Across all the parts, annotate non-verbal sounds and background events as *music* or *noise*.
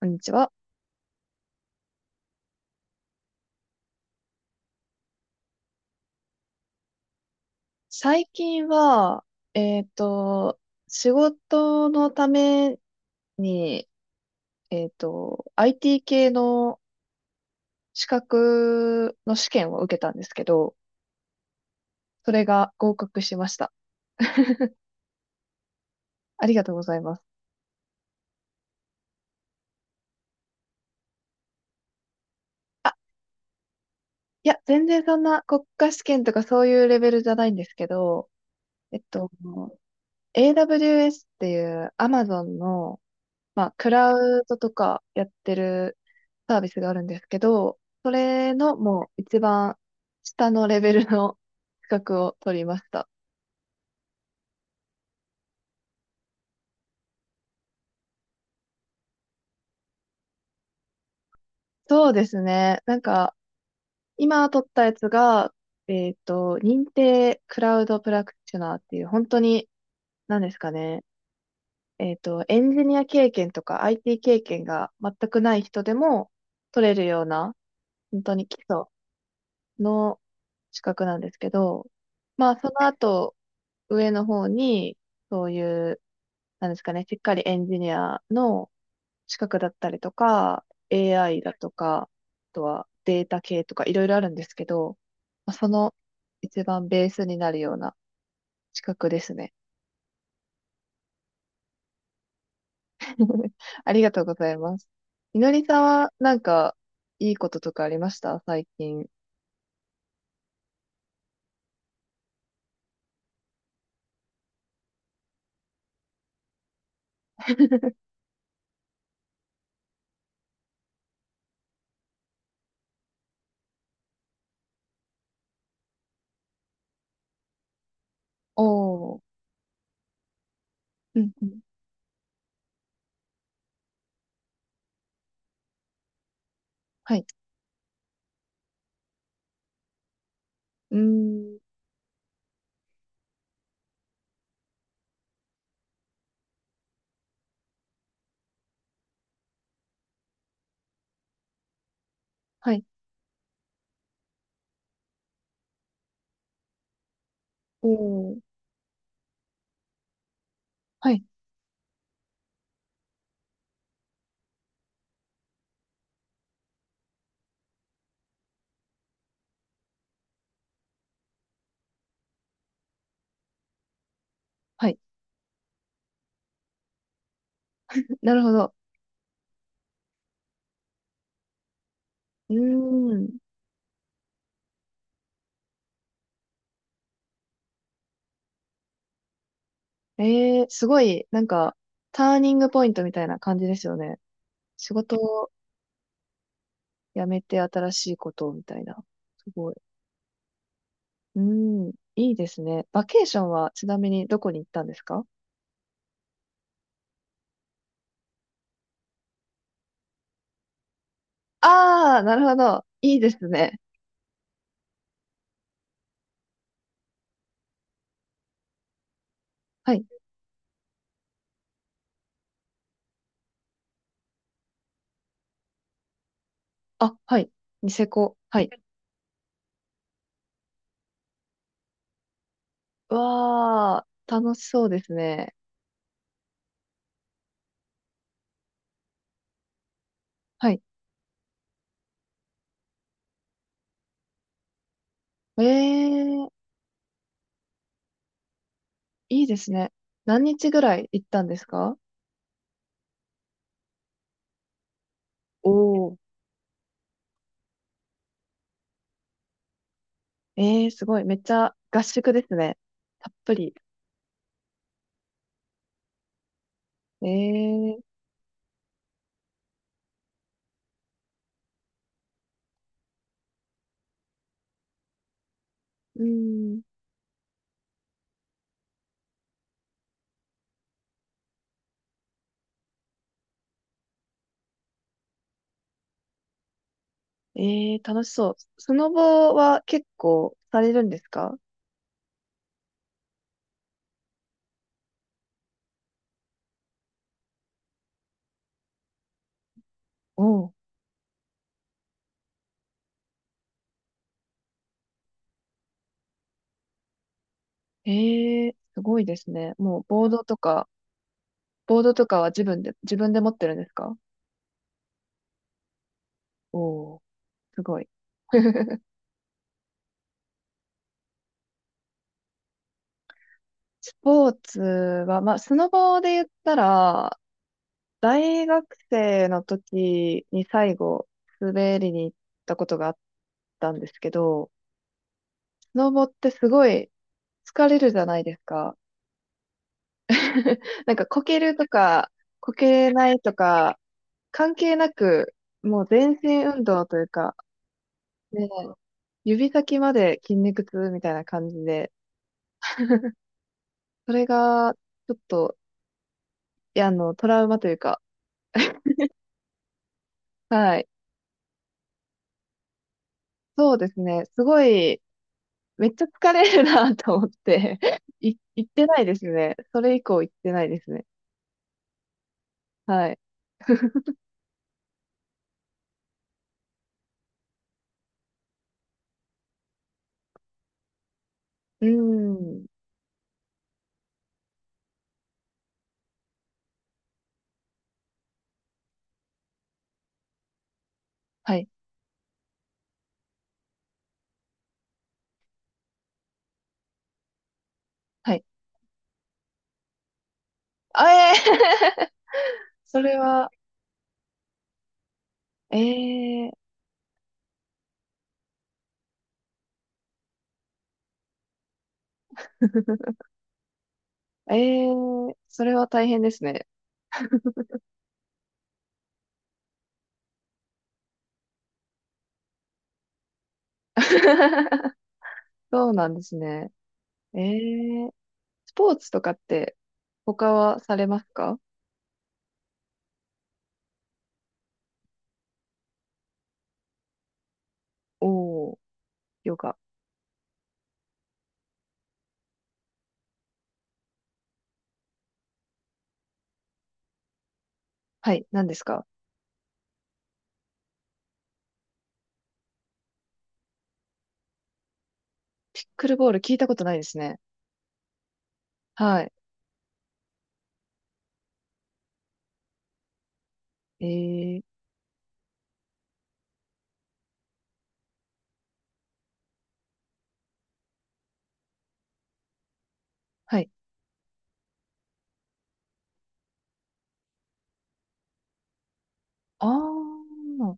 こんにちは。最近は、えっと、仕事のために、IT 系の資格の試験を受けたんですけど、それが合格しました。ありがとうございます。あ、いや、全然そんな国家試験とかそういうレベルじゃないんですけど、えっと、AWS っていう Amazon のまあ、クラウドとかやってるサービスがあるんですけど、それのもう一番下のレベルの資格を取りました。そうですね。なんか、今取ったやつが、認定クラウドプラクティショナーっていう、本当に、何ですかね。エンジニア経験とか IT 経験が全くない人でも取れるような、本当に基礎の資格なんですけど、まあ、その後、上の方に、そういう、なんですかね、しっかりエンジニアの資格だったりとか、AI だとか、あとはデータ系とかいろいろあるんですけど、まあその一番ベースになるような資格ですね。*laughs* ありがとうございます。みのりさんはなんかいいこととかありました最近？おー。うんうん。はい。うーん。はい。おー。はい。はい。なるほど。うーん。ええ、すごい、なんか、ターニングポイントみたいな感じですよね。仕事を辞めて新しいことをみたいな。すごい。うん、いいですね。バケーションはちなみにどこに行ったんですか？ああー、なるほど。いいですね。はい。あ、はい。ニセコ。はい。うわあ、楽しそうですね。はい。ええ、いいですね。何日ぐらい行ったんですか？おおー。ええ、すごい。めっちゃ合宿ですね。たっぷり。ええ、うん。ええ、楽しそう。スノボは結構されるんですか？おう。ええ、すごいですね。もうボードとか、ボードとかは自分で、自分で持ってるんですか？おおう。すごい。スポーツは、まあ、スノボで言ったら、大学生の時に最後、滑りに行ったことがあったんですけど、スノボってすごい疲れるじゃないですか。*laughs* なんかこけるとか、こけないとか、関係なく、もう全身運動というか、ね、指先まで筋肉痛みたいな感じで、それが、ちょっと、いや、あの、トラウマというか、はい。そうですね。すごい、めっちゃ疲れるなと思って、*laughs* い、行ってないですね。それ以降行ってないですね。はい。うーん。はい。はい。あえー。 *laughs* それは、えー、*laughs* えー、それは大変ですね。*laughs* そうなんですね。えー。スポーツとかって他はされますか？おー、ヨガ。はい、何ですか？ピックルボール聞いたことないですね。はい。えー、はい。あー、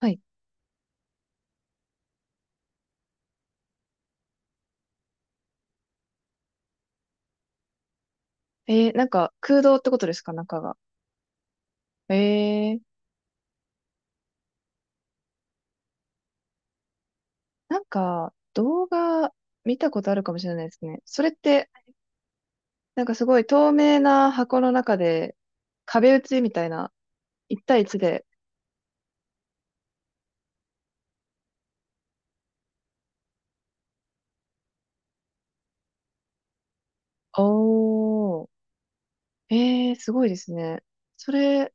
はい。えー、なんか空洞ってことですか中が？えー、なんか動画見たことあるかもしれないですね。それって、なんかすごい透明な箱の中で壁打ちみたいな、一対一で。おー、えー、すごいですね。それ、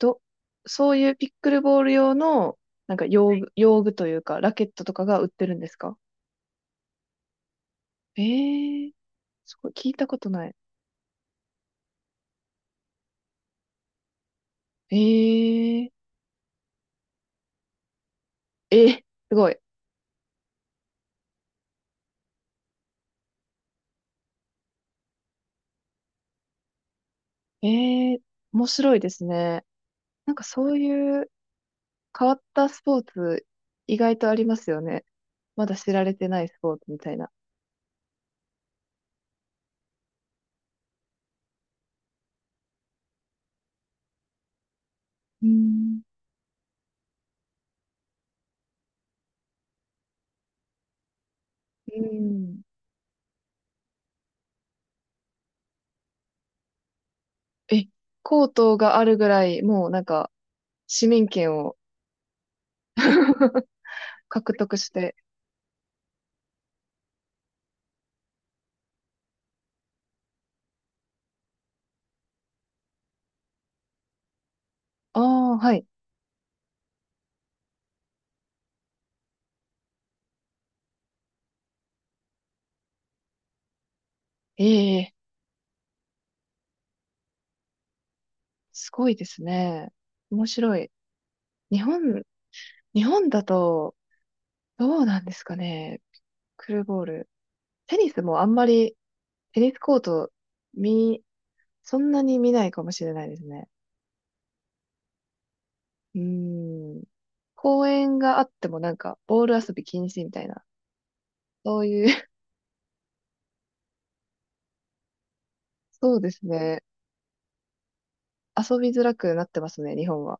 ど、そういうピックルボール用の、なんか用具、用具というか、ラケットとかが売ってるんですか？えー、すごい、聞いたことない。えー、えー、すごい。えー、面白いですね。なんかそういう変わったスポーツ、意外とありますよね。まだ知られてないスポーツみたいな。うん。うん。え、コートがあるぐらい、もうなんか、市民権を *laughs* 獲得して。ああ、はい。ええ、すごいですね。面白い。日本、日本だと、どうなんですかね。クルーボール。テニスもあんまり、テニスコート、見、そんなに見ないかもしれないですね。うーん。公園があってもなんか、ボール遊び禁止みたいな。そういう *laughs* そうですね。遊びづらくなってますね、日本は。